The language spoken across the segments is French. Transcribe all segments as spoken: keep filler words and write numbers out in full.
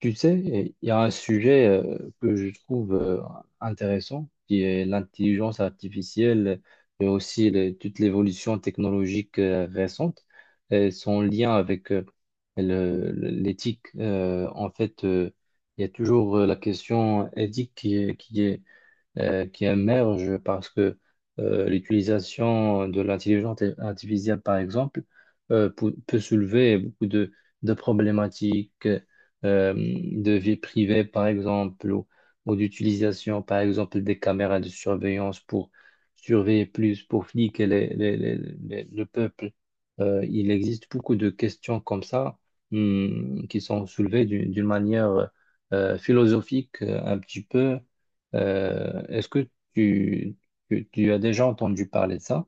Tu sais, il y a un sujet euh, que je trouve euh, intéressant, qui est l'intelligence artificielle et aussi le- toute l'évolution technologique euh, récente et son lien avec euh, le- le- l'éthique. Euh, en fait, euh, il y a toujours euh, la question éthique qui est, qui est, euh, qui émergent parce que euh, l'utilisation de l'intelligence artificielle, par exemple, euh, pou- peut soulever beaucoup de, de problématiques euh, de vie privée, par exemple, ou, ou d'utilisation, par exemple, des caméras de surveillance pour surveiller plus, pour fliquer les- les- les- les- le peuple. Euh, il existe beaucoup de questions comme ça, hmm, qui sont soulevées d'une d'une manière euh, philosophique, euh, un petit peu. Euh, est-ce que tu, tu, tu as déjà entendu parler de ça?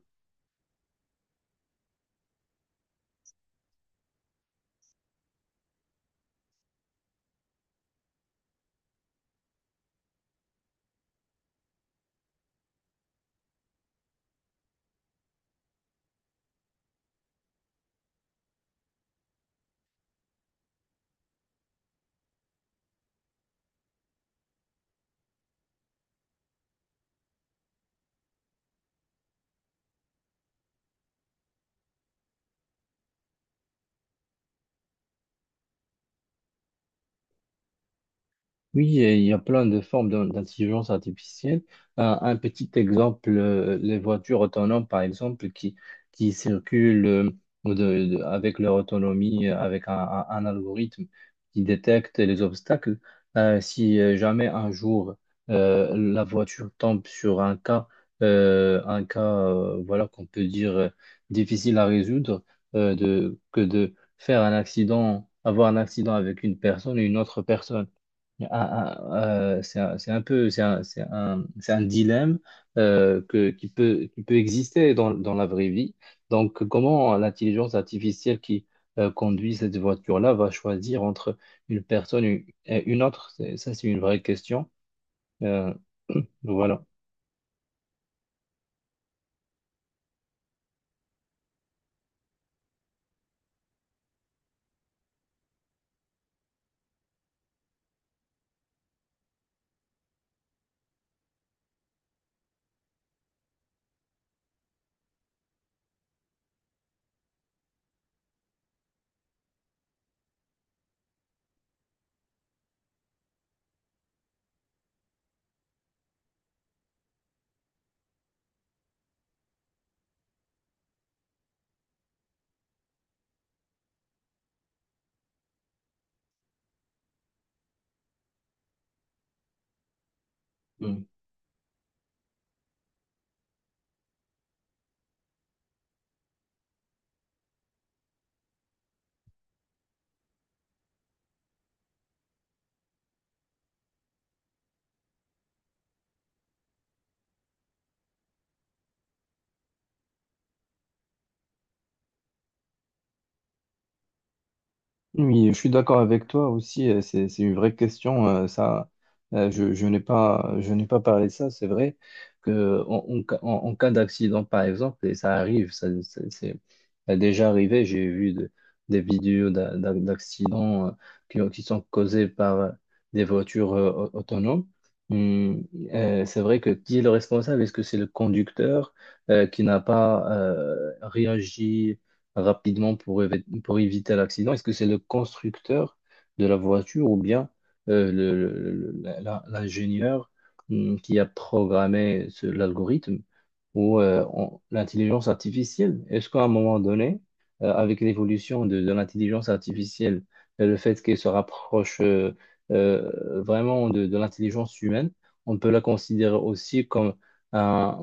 Oui, et il y a plein de formes d'in- d'intelligence artificielle. Un, un petit exemple, euh, les voitures autonomes, par exemple, qui, qui circulent euh, de- de- avec leur autonomie, euh, avec un, un- un algorithme qui détecte les obstacles. Euh, si euh, jamais un jour euh, la voiture tombe sur un cas, euh, un cas, euh, voilà, qu'on peut dire euh, difficile à résoudre, euh, de, que de faire un accident, avoir un accident avec une personne et une autre personne. Un- un- euh, c'est un, c'est un peu, c'est un, c'est un, c'est un dilemme euh, que, qui peut, qui peut exister dans, dans la vraie vie. Donc, comment l'intelligence artificielle qui euh, conduit cette voiture-là va choisir entre une personne et une autre? C'est- Ça, c'est une vraie question. Euh, voilà. Oui, je suis d'accord avec toi aussi. euh, C'est, c'est une vraie question. euh, ça, Euh, je, je n'ai pas, je n'ai pas parlé de ça. C'est vrai que en, en ca- en- en cas d'accident, par exemple, et ça arrive, ça, c'est c'est- ça a déjà arrivé. J'ai vu de- des vidéos d'a- d'a- d'accidents, euh, qui, ont- qui sont causés par euh, des voitures euh, au- autonomes. Hum. Euh, c'est vrai que qui est le responsable? Est-ce que c'est le conducteur euh, qui n'a pas euh, réagi rapidement pour évit- pour éviter l'accident? Est-ce que c'est le constructeur de la voiture ou bien euh, le- le- le- la- la- l'ingénieur, hum, qui a programmé ce- l'algorithme ou euh, on- l'intelligence artificielle? Est-ce qu'à un moment donné, euh, avec l'évolution de, de l'intelligence artificielle et le fait qu'elle se rapproche euh, euh, vraiment de, de l'intelligence humaine, on peut la considérer aussi comme un,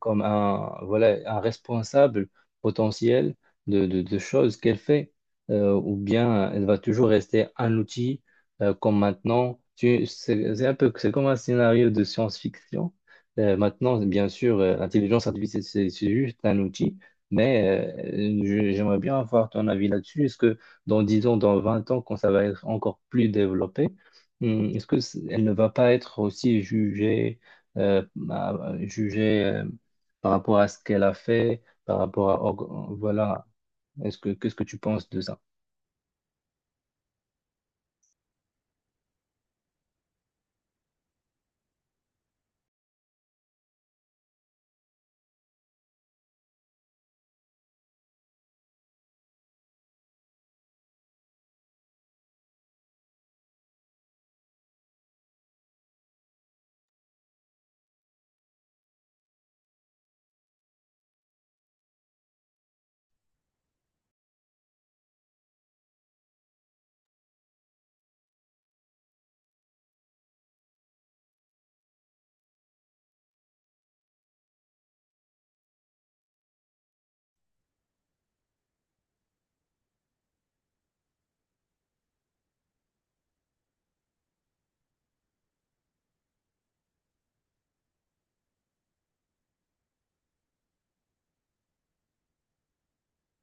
comme un, voilà, un responsable potentiel de, de- de choses qu'elle fait, euh, ou bien elle va toujours rester un outil euh, comme maintenant. Tu- C'est c'est un peu, c'est comme un scénario de science-fiction. Euh, maintenant, bien sûr, euh, l'intelligence artificielle, c'est c'est juste un outil, mais euh, je- j'aimerais bien avoir ton avis là-dessus. Est-ce que dans dix ans, dans vingt ans, quand ça va être encore plus développé, hum, est-ce que c- elle ne va pas être aussi jugée, euh, bah, jugée, euh, par rapport à ce qu'elle a fait? Par rapport à org- voilà. est-ce que Qu'est-ce que tu penses de ça?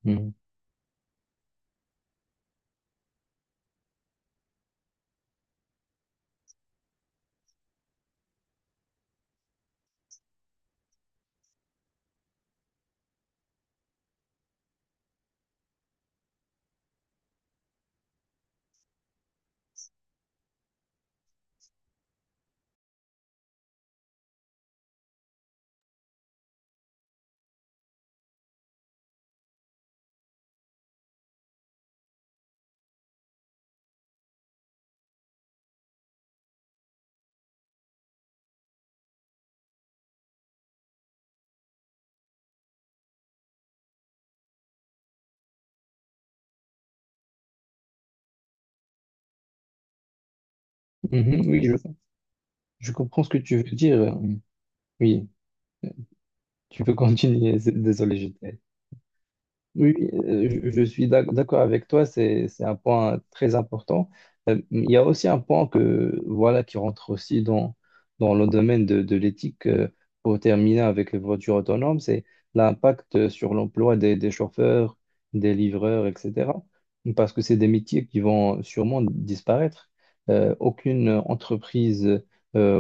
Mhm. Mhm, oui, je, je comprends ce que tu veux dire. Oui, tu peux continuer. Désolé, je. Oui, euh, je je suis d'ac- d'accord avec toi, c'est, c'est un point très important. Euh, Il y a aussi un point que, voilà, qui rentre aussi dans, dans le domaine de, de l'éthique, euh, pour terminer avec les voitures autonomes, c'est l'impact sur l'emploi des, des chauffeurs, des livreurs, et cetera. Parce que c'est des métiers qui vont sûrement disparaître. Euh, aucune entreprise euh,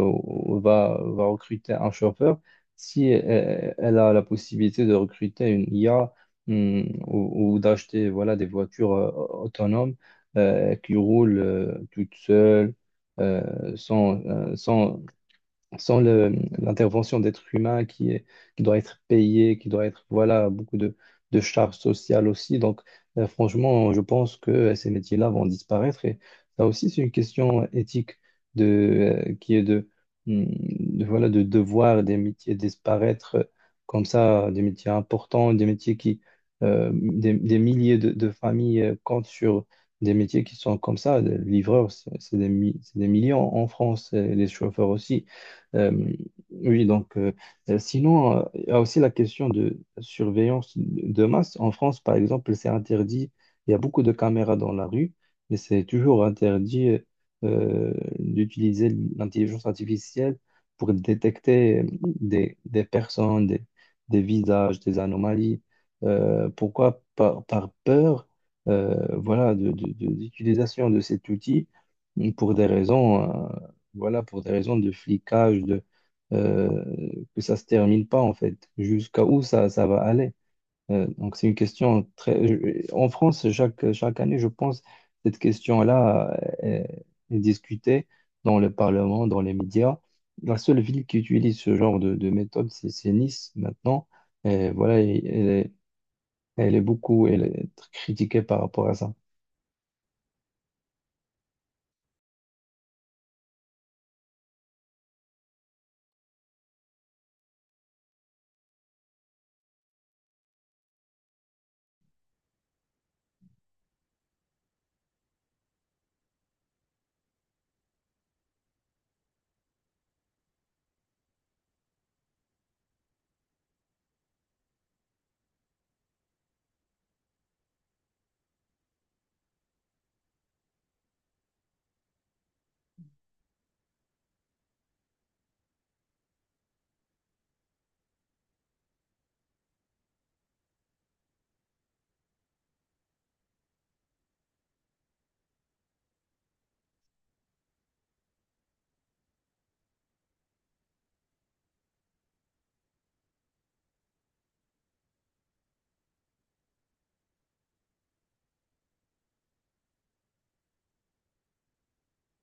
va, va recruter un chauffeur si euh, elle a la possibilité de recruter une I A, hmm, ou, ou d'acheter, voilà, des voitures euh, autonomes, euh, qui roulent euh, toutes seules, euh, sans, euh, sans, sans le- l'intervention d'êtres humains qui, est- qui doit être payé, qui doit être, voilà, beaucoup de, de charges sociales aussi. Donc, euh, franchement, je pense que euh, ces métiers-là vont disparaître. Et ça aussi, c'est une question éthique de, euh, qui est de, hum, de, voilà, de, de voir des métiers disparaître, euh, comme ça, des métiers importants, des métiers qui, euh, des, des milliers de, de familles euh, comptent sur des métiers qui sont comme ça. Les livreurs, c'est c'est des, mi- c'est des millions en France, euh, et les chauffeurs aussi. Euh, oui, donc. Euh, euh, sinon, euh, il y a aussi la question de surveillance de masse. En France, par exemple, c'est interdit. Il y a beaucoup de caméras dans la rue, mais c'est toujours interdit euh, d'utiliser l'intelligence artificielle pour détecter euh, des, des personnes, des, des visages, des anomalies. Euh, pourquoi? Par, par peur, euh, voilà, de, de- de- d'utilisation de cet outil pour des raisons. Euh, voilà, pour des raisons de flicage, de, euh, que ça se termine pas, en fait. Jusqu'à où ça, ça va aller? Euh, donc, c'est une question très. je- En France, chaque, chaque année, je pense, cette question-là euh, est, discutée dans le Parlement, dans les médias. La seule ville qui utilise ce genre de, de méthode, c'est c'est Nice, maintenant. Et voilà, et- elle est, elle est beaucoup, elle est très critiquée par rapport à ça.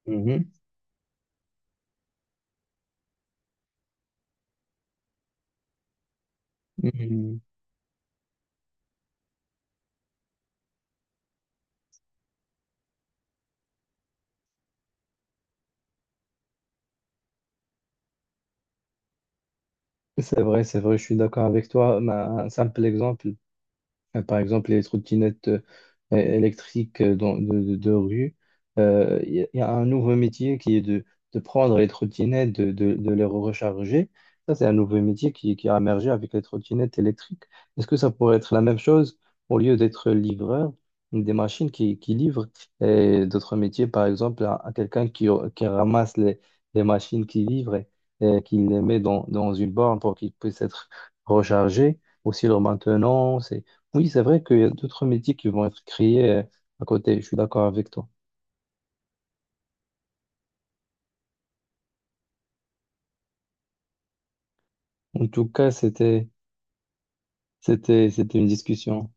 Mhm. Mhm. C'est vrai, c'est vrai, je suis d'accord avec toi. Ma- Un simple exemple. Euh, Par exemple, les trottinettes euh, électriques euh, dans- de, de- de rue. Euh, il y, a il y a un nouveau métier qui est de, de prendre les trottinettes, de, de- de les recharger. Ça, c'est un nouveau métier qui, qui a émergé avec les trottinettes électriques. Est-ce que ça pourrait être la même chose au lieu d'être livreur, des machines qui, qui livrent et d'autres métiers, par exemple, à, à quelqu'un qui, qui ramasse les, les machines qui livrent et, et qui les met dans, dans une borne pour qu'ils puissent être rechargés, aussi leur maintenance. Oui, c'est vrai qu'il y a d'autres métiers qui vont être créés, euh, à côté. Je suis d'accord avec toi. En tout cas, c'était, c'était, c'était une discussion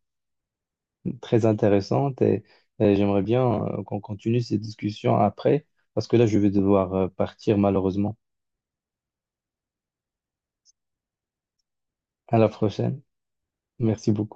très intéressante et, et j'aimerais bien euh, qu'on continue cette discussion après parce que là, je vais devoir euh, partir malheureusement. À la prochaine. Merci beaucoup.